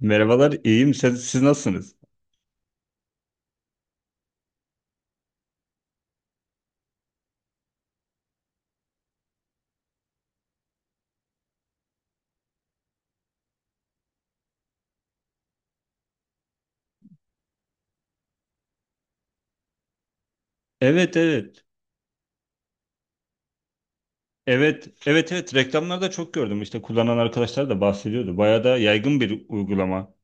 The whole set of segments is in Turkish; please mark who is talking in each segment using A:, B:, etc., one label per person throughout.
A: Merhabalar, iyiyim. Siz nasılsınız? Evet, evet. Evet, evet, evet. Reklamlarda çok gördüm. İşte kullanan arkadaşlar da bahsediyordu. Bayağı da yaygın bir uygulama.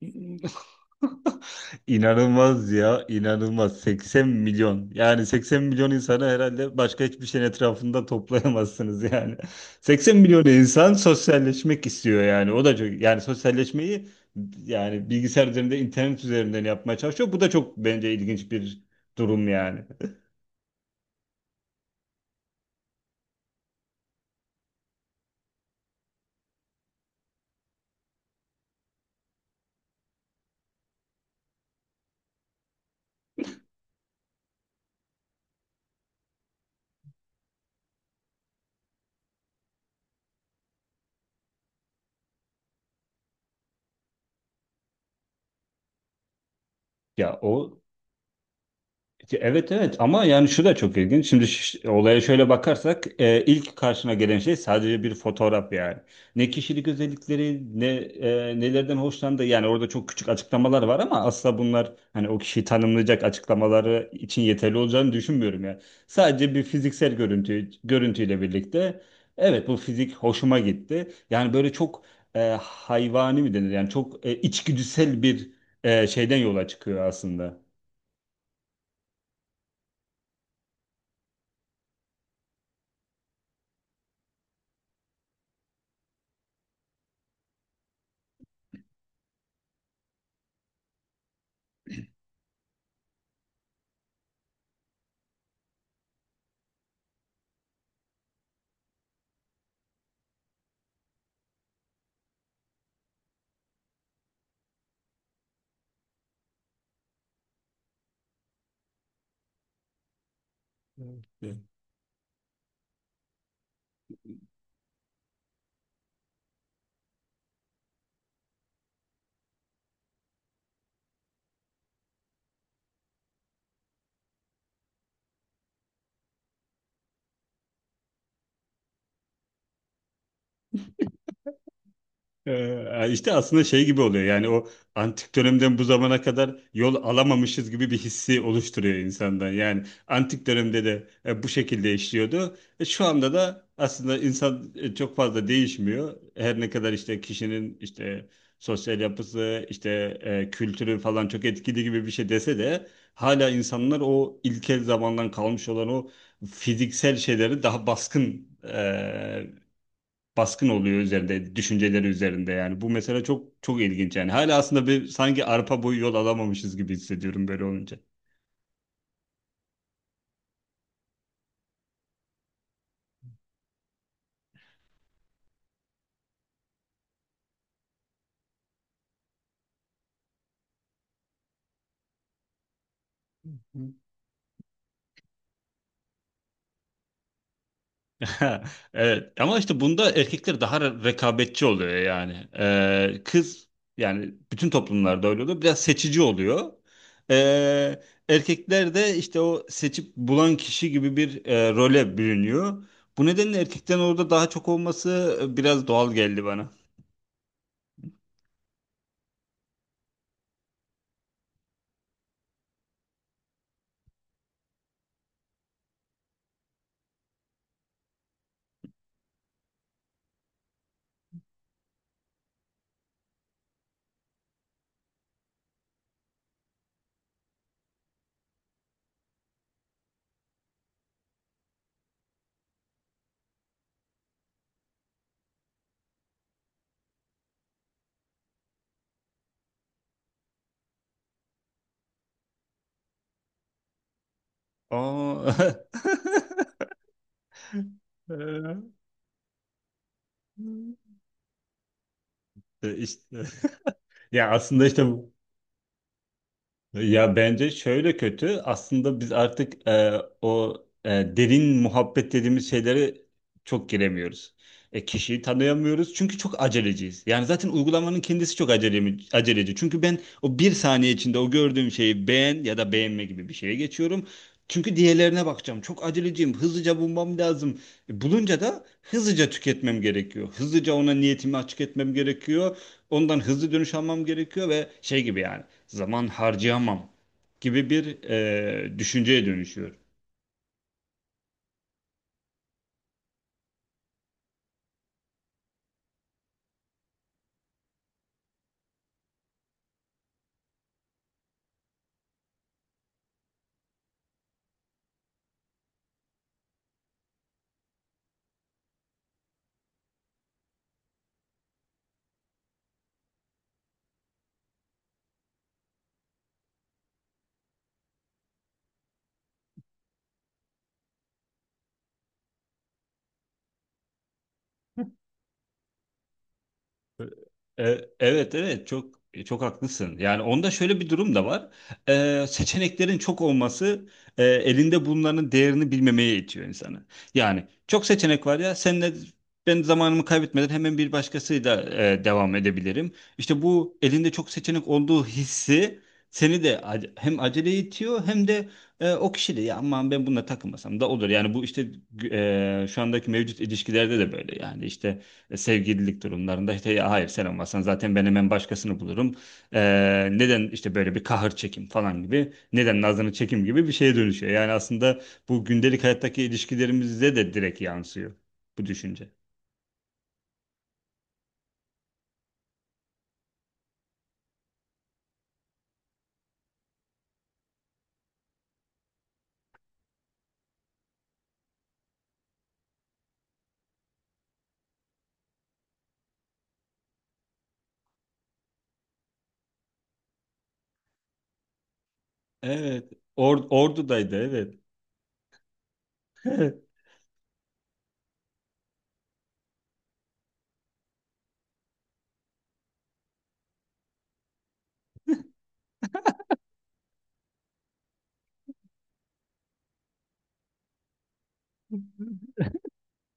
A: İnanılmaz ya, inanılmaz. 80 milyon. Yani 80 milyon insanı herhalde başka hiçbir şeyin etrafında toplayamazsınız yani. 80 milyon insan sosyalleşmek istiyor yani. O da çok yani sosyalleşmeyi yani bilgisayar üzerinde, internet üzerinden yapmaya çalışıyor. Bu da çok bence ilginç bir durum yani. Ya o. Ya evet, evet, ama yani şu da çok ilginç. Şimdi olaya şöyle bakarsak ilk karşına gelen şey sadece bir fotoğraf yani. Ne kişilik özellikleri ne nelerden hoşlandığı, yani orada çok küçük açıklamalar var ama asla bunlar hani o kişiyi tanımlayacak açıklamaları için yeterli olacağını düşünmüyorum ya. Sadece bir fiziksel görüntüyle birlikte evet bu fizik hoşuma gitti. Yani böyle çok hayvani mi denir, yani çok içgüdüsel bir şeyden yola çıkıyor aslında. Evet. İşte aslında şey gibi oluyor, yani o antik dönemden bu zamana kadar yol alamamışız gibi bir hissi oluşturuyor insandan. Yani antik dönemde de bu şekilde işliyordu. Şu anda da aslında insan çok fazla değişmiyor. Her ne kadar işte kişinin işte sosyal yapısı işte kültürü falan çok etkili gibi bir şey dese de hala insanlar o ilkel zamandan kalmış olan o fiziksel şeyleri daha e, baskın oluyor üzerinde, düşünceleri üzerinde yani. Bu mesela çok çok ilginç yani. Hala aslında bir sanki arpa boyu yol alamamışız gibi hissediyorum böyle olunca. Hı. Evet, ama işte bunda erkekler daha rekabetçi oluyor yani. Kız, yani bütün toplumlarda öyle oluyor. Biraz seçici oluyor. Ee, Erkekler de işte o seçip bulan kişi gibi bir role bürünüyor. Bu nedenle erkeklerin orada daha çok olması biraz doğal geldi bana. Aa, Ee, işte. Ya aslında işte ya bence şöyle kötü. Aslında biz artık o e, derin muhabbet dediğimiz şeylere çok giremiyoruz. Kişiyi tanıyamıyoruz çünkü çok aceleciyiz. Yani zaten uygulamanın kendisi çok aceleci. Çünkü ben o bir saniye içinde o gördüğüm şeyi beğen ya da beğenme gibi bir şeye geçiyorum. Çünkü diğerlerine bakacağım. Çok aceleciyim. Hızlıca bulmam lazım. Bulunca da hızlıca tüketmem gerekiyor. Hızlıca ona niyetimi açık etmem gerekiyor. Ondan hızlı dönüş almam gerekiyor ve şey gibi, yani zaman harcayamam gibi bir düşünceye dönüşüyor. E, Evet, evet, çok çok haklısın. Yani onda şöyle bir durum da var. Seçeneklerin çok olması elinde bunların değerini bilmemeye itiyor insanı. Yani çok seçenek var ya, senle ben zamanımı kaybetmeden hemen bir başkasıyla devam edebilirim. İşte bu elinde çok seçenek olduğu hissi seni de hem aceleye itiyor hem de o kişi de ya aman ben bununla takılmasam da olur. Yani bu işte şu andaki mevcut ilişkilerde de böyle, yani işte sevgililik durumlarında işte ya hayır sen olmasan zaten ben hemen başkasını bulurum. Neden işte böyle bir kahır çekim falan gibi, neden nazını çekim gibi bir şeye dönüşüyor. Yani aslında bu gündelik hayattaki ilişkilerimizde de direkt yansıyor bu düşünce. Evet. Ordu'daydı evet.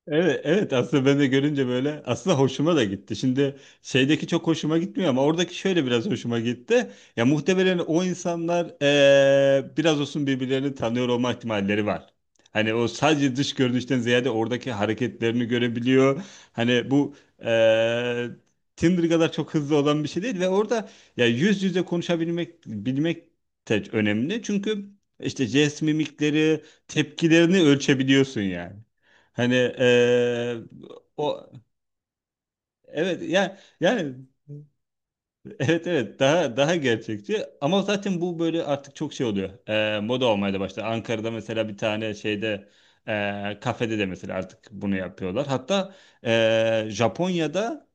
A: Evet, evet, aslında ben de görünce böyle aslında hoşuma da gitti. Şimdi şeydeki çok hoşuma gitmiyor ama oradaki şöyle biraz hoşuma gitti. Ya muhtemelen o insanlar biraz olsun birbirlerini tanıyor olma ihtimalleri var. Hani o sadece dış görünüşten ziyade oradaki hareketlerini görebiliyor. Hani bu eee Tinder kadar çok hızlı olan bir şey değil ve orada ya yüz yüze konuşabilmek bilmek de önemli. Çünkü işte jest mimikleri, tepkilerini ölçebiliyorsun yani. Hani eee, O evet, yani yani evet, evet, daha daha gerçekçi ama zaten bu böyle artık çok şey oluyor. Moda olmaya da başladı. Ankara'da mesela bir tane şeyde kafede de mesela artık bunu yapıyorlar. Hatta Japonya'da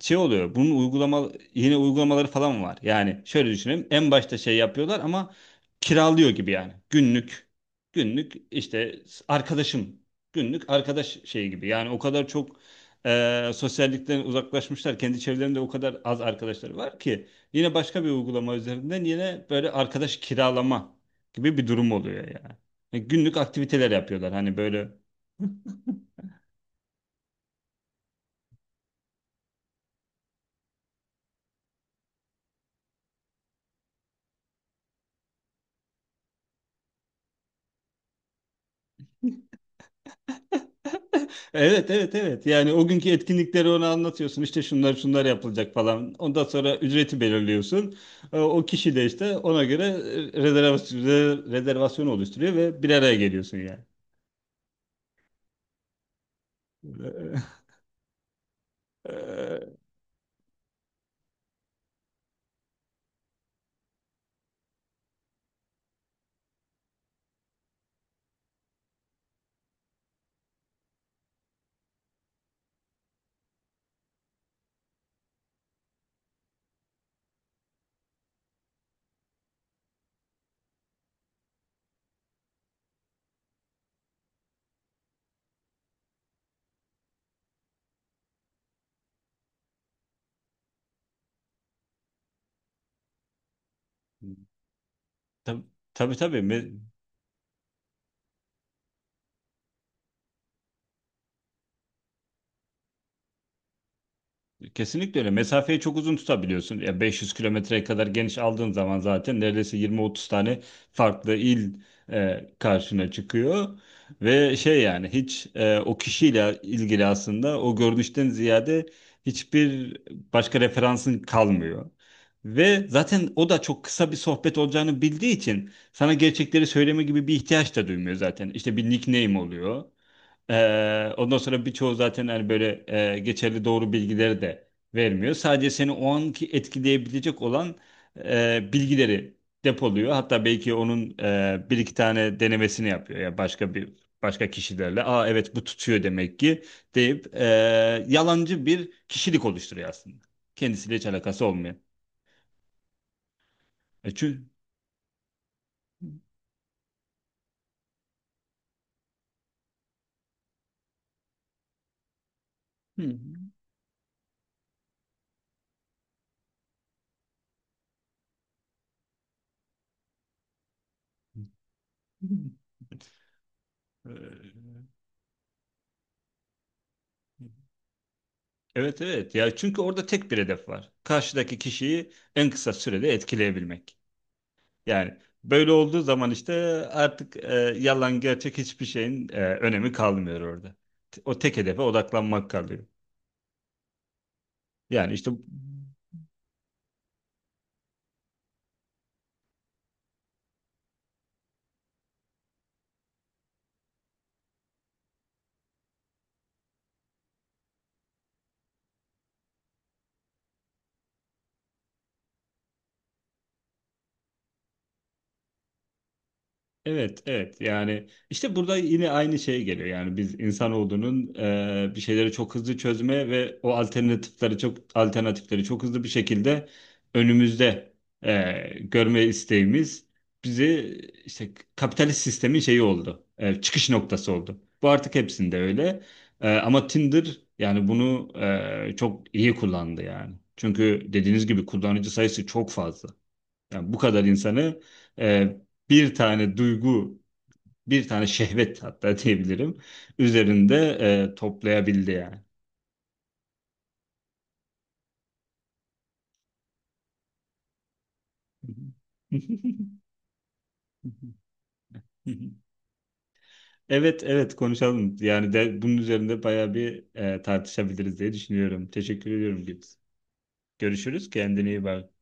A: şey oluyor. Bunun uygulama yine uygulamaları falan var. Yani şöyle düşünelim. En başta şey yapıyorlar ama kiralıyor gibi yani. Günlük işte arkadaşım, günlük arkadaş şeyi gibi. Yani o kadar çok sosyallikten uzaklaşmışlar. Kendi çevrelerinde o kadar az arkadaşları var ki yine başka bir uygulama üzerinden yine böyle arkadaş kiralama gibi bir durum oluyor yani. Yani günlük aktiviteler yapıyorlar. Hani böyle evet, evet, evet, yani o günkü etkinlikleri ona anlatıyorsun, İşte şunlar şunlar yapılacak falan, ondan sonra ücreti belirliyorsun. O kişi de işte ona göre e, rezervasyon, rezervasyon oluşturuyor ve bir araya geliyorsun yani. Tabi tabii tabii. Me- Kesinlikle öyle. Mesafeyi çok uzun tutabiliyorsun. Ya 500 kilometreye kadar geniş aldığın zaman zaten neredeyse 20-30 tane farklı il karşına çıkıyor. Ve şey, yani hiç o kişiyle ilgili aslında o görünüşten ziyade hiçbir başka referansın kalmıyor. Ve zaten o da çok kısa bir sohbet olacağını bildiği için sana gerçekleri söyleme gibi bir ihtiyaç da duymuyor zaten. İşte bir nickname oluyor. Ondan sonra birçoğu zaten hani böyle geçerli doğru bilgileri de vermiyor. Sadece seni o anki etkileyebilecek olan bilgileri depoluyor. Hatta belki onun bir iki tane denemesini yapıyor. Ya başka kişilerle. Aa evet bu tutuyor demek ki deyip yalancı bir kişilik oluşturuyor aslında. Kendisiyle hiç alakası olmuyor. E, çünkü... Hı. Hı. Evet, evet, ya çünkü orada tek bir hedef var. Karşıdaki kişiyi en kısa sürede etkileyebilmek. Yani böyle olduğu zaman işte artık yalan gerçek hiçbir şeyin önemi kalmıyor orada. O tek hedefe odaklanmak kalıyor. Yani işte evet, evet. Yani işte burada yine aynı şey geliyor. Yani biz insanoğlunun bir şeyleri çok hızlı çözme ve o alternatifleri çok hızlı bir şekilde önümüzde görme isteğimiz bizi işte kapitalist sistemin şeyi oldu. Çıkış noktası oldu. Bu artık hepsinde öyle. Ama Tinder yani bunu çok iyi kullandı yani. Çünkü dediğiniz gibi kullanıcı sayısı çok fazla. Yani bu kadar insanı e, bir tane duygu, bir tane şehvet hatta diyebilirim üzerinde toplayabildi yani. Evet, evet konuşalım. Yani de bunun üzerinde bayağı bir tartışabiliriz diye düşünüyorum. Teşekkür ediyorum Gibbs. Görüşürüz. Kendine iyi bak.